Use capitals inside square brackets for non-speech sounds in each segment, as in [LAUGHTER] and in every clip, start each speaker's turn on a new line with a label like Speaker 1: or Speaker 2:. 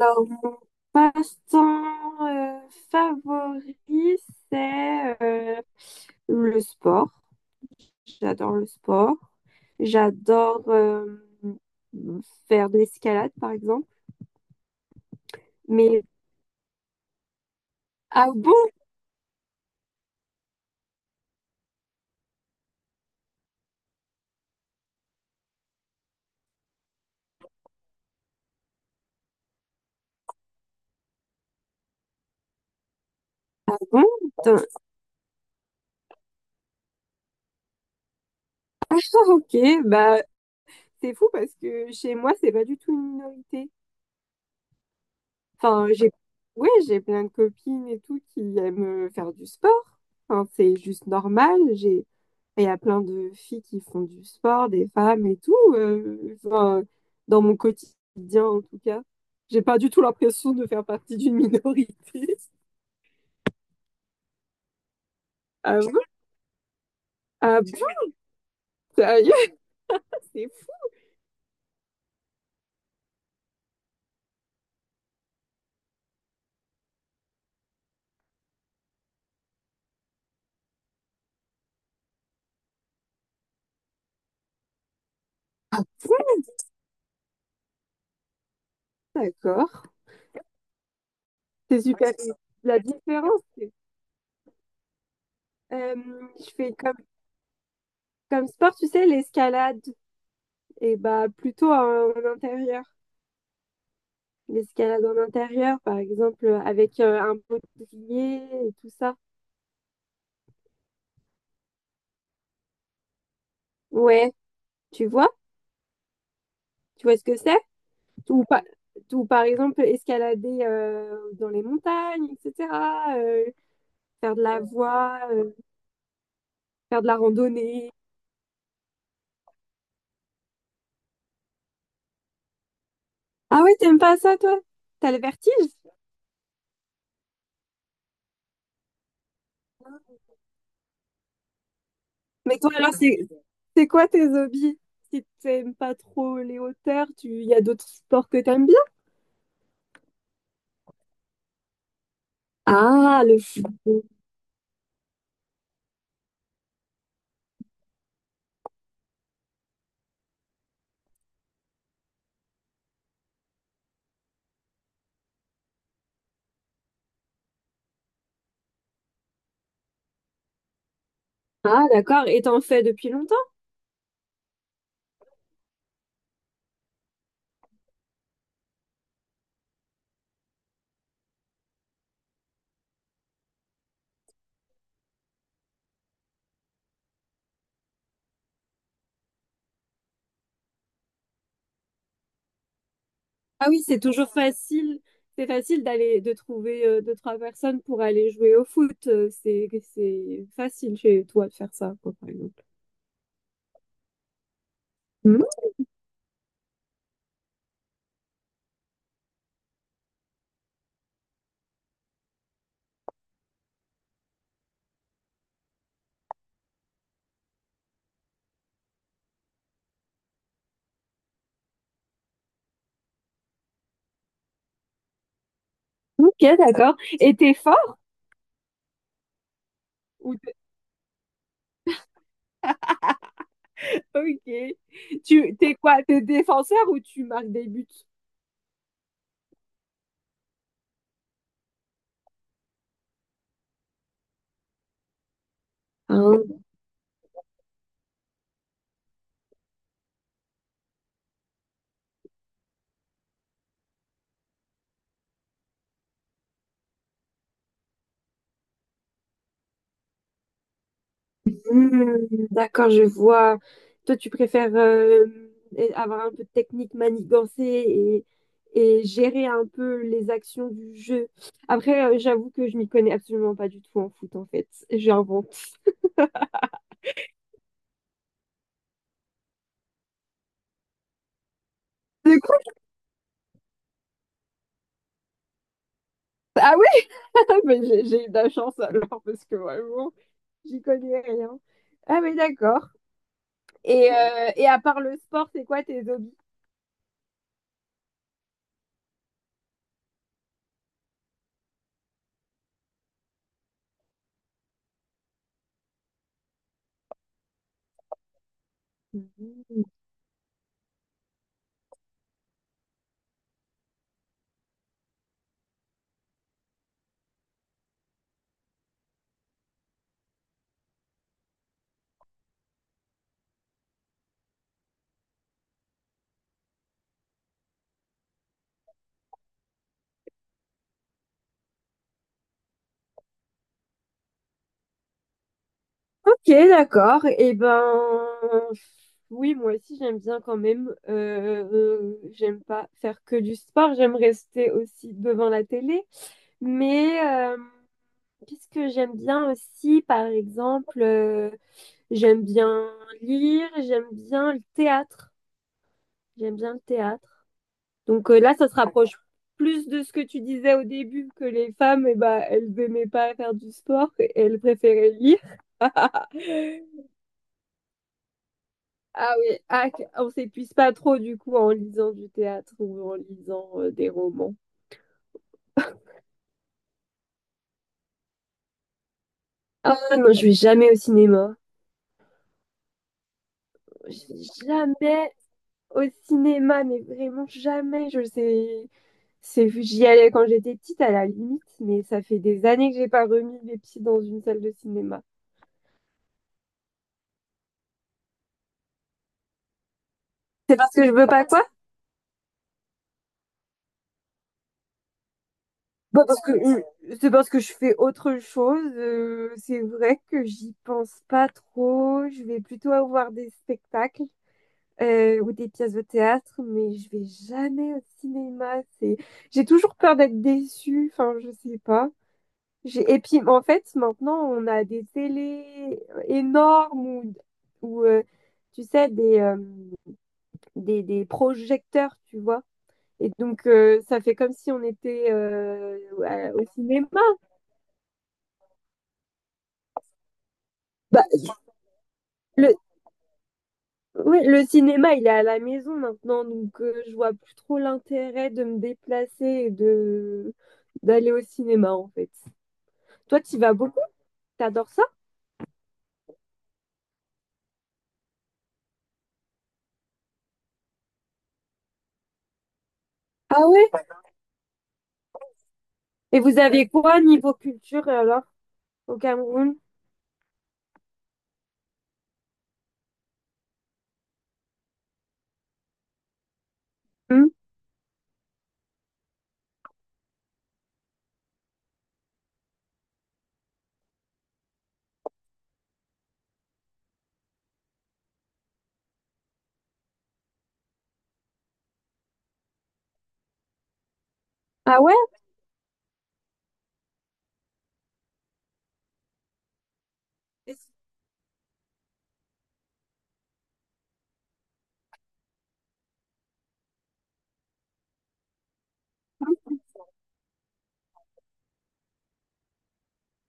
Speaker 1: Alors, mon passe-temps favori, c'est le sport. J'adore le sport. J'adore faire de l'escalade, par exemple. Mais, ah bon? Bon, putain. Ah, ok, bah, c'est fou parce que chez moi, c'est pas du tout une minorité. Enfin, ouais, j'ai plein de copines et tout qui aiment faire du sport. Enfin, c'est juste normal. J'ai. Et il y a plein de filles qui font du sport, des femmes et tout, enfin, dans mon quotidien, en tout cas, j'ai pas du tout l'impression de faire partie d'une minorité. [LAUGHS] Ah bon? Ah bon? Sérieux? C'est fou, d'accord. C'est super. Ouais, c'est ça. La différence, c'est euh, je fais comme sport, tu sais, l'escalade, et bah plutôt en intérieur. L'escalade en intérieur, par exemple, avec un bouclier et tout ça. Ouais, tu vois? Tu vois ce que c'est? Ou, pa- ou par exemple, escalader dans les montagnes, etc. euh, Faire de la voie, faire de la randonnée. Ah ouais, t'aimes pas ça, toi? T'as le vertige? Mais toi, alors, c'est quoi tes hobbies? Si t'aimes pas trop les hauteurs, tu il y a d'autres sports que t'aimes bien? Ah, le foot. Ah, d'accord. Et t'en fais depuis longtemps? Ah oui, c'est toujours facile. C'est facile d'aller de trouver deux, trois personnes pour aller jouer au foot. C'est facile chez toi de faire ça, quoi, par exemple. Mhm. Ok, d'accord. Et t'es fort ou t'es- [LAUGHS] Ok. Tu t'es quoi? T'es défenseur ou tu marques des buts? Hmm, d'accord, je vois. Toi, tu préfères avoir un peu de technique, manigancer et gérer un peu les actions du jeu. Après, j'avoue que je m'y connais absolument pas du tout en foot, en fait. J'invente. C'est cool. Ah oui, [LAUGHS] mais j'ai eu de la chance alors, parce que vraiment, j'y connais rien. Ah mais d'accord. Et à part le sport, c'est quoi tes hobbies? Mhm. Ok, d'accord. Eh ben, oui, moi aussi j'aime bien quand même. J'aime pas faire que du sport, j'aime rester aussi devant la télé. Mais qu'est-ce que j'aime bien aussi, par exemple, j'aime bien lire, j'aime bien le théâtre. J'aime bien le théâtre. Donc là, ça se rapproche plus de ce que tu disais au début, que les femmes, eh ben, elles n'aimaient pas faire du sport, et elles préféraient lire. Ah oui, on s'épuise pas trop du coup en lisant du théâtre ou en lisant des romans. Ah ouais, non, je vais jamais au cinéma. Je vais jamais au cinéma, mais vraiment jamais. Je sais, c'est j'y allais quand j'étais petite à la limite, mais ça fait des années que j'ai pas remis les pieds dans une salle de cinéma. C'est parce que je veux pas quoi? Bah parce que c'est parce que je fais autre chose. C'est vrai que j'y pense pas trop. Je vais plutôt voir des spectacles, ou des pièces de théâtre, mais je vais jamais au cinéma. C'est, j'ai toujours peur d'être déçue. Enfin, je sais pas. J'ai... Et puis, en fait, maintenant, on a des télés énormes ou tu sais, des projecteurs, tu vois. Et donc, ça fait comme si on était au cinéma. Bah, le, oui, le cinéma, il est à la maison maintenant, donc je vois plus trop l'intérêt de me déplacer et de d'aller au cinéma en fait. Toi, tu vas beaucoup? T'adores ça? Ah ouais? Et vous avez quoi niveau culture alors au Cameroun? Hmm. Ah ouais?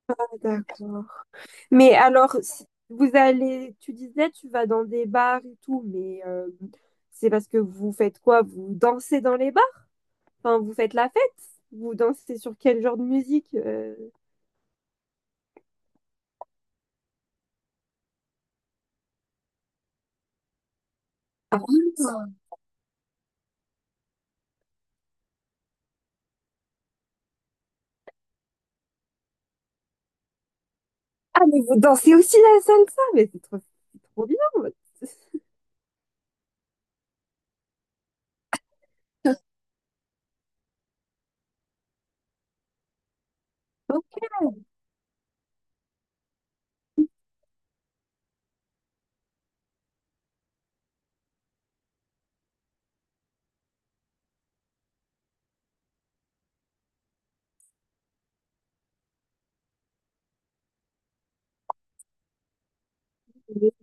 Speaker 1: Ah, d'accord. Mais alors, si vous allez, tu disais, tu vas dans des bars et tout, mais c'est parce que vous faites quoi? Vous dansez dans les bars? Enfin, vous faites la fête? Vous dansez sur quel genre de musique? Ah, mais vous dansez aussi la salsa, mais c'est trop bien. [LAUGHS] Ok,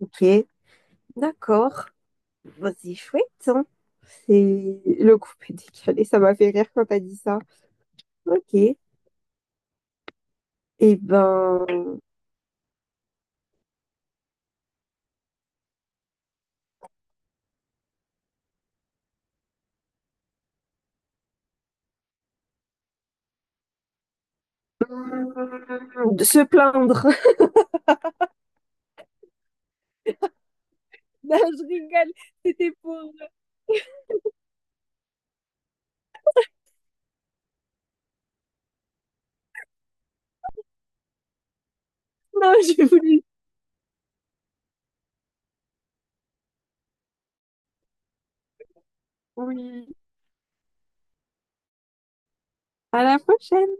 Speaker 1: ok, d'accord. Bah, c'est chouette, hein. C'est le coup est décalé, ça m'a fait rire quand t'as dit ça. Ok. Eh ben, hmm, de se plaindre. [LAUGHS] Non, je rigole, c'était pour... Non, j'ai voulu. Oui. À la prochaine.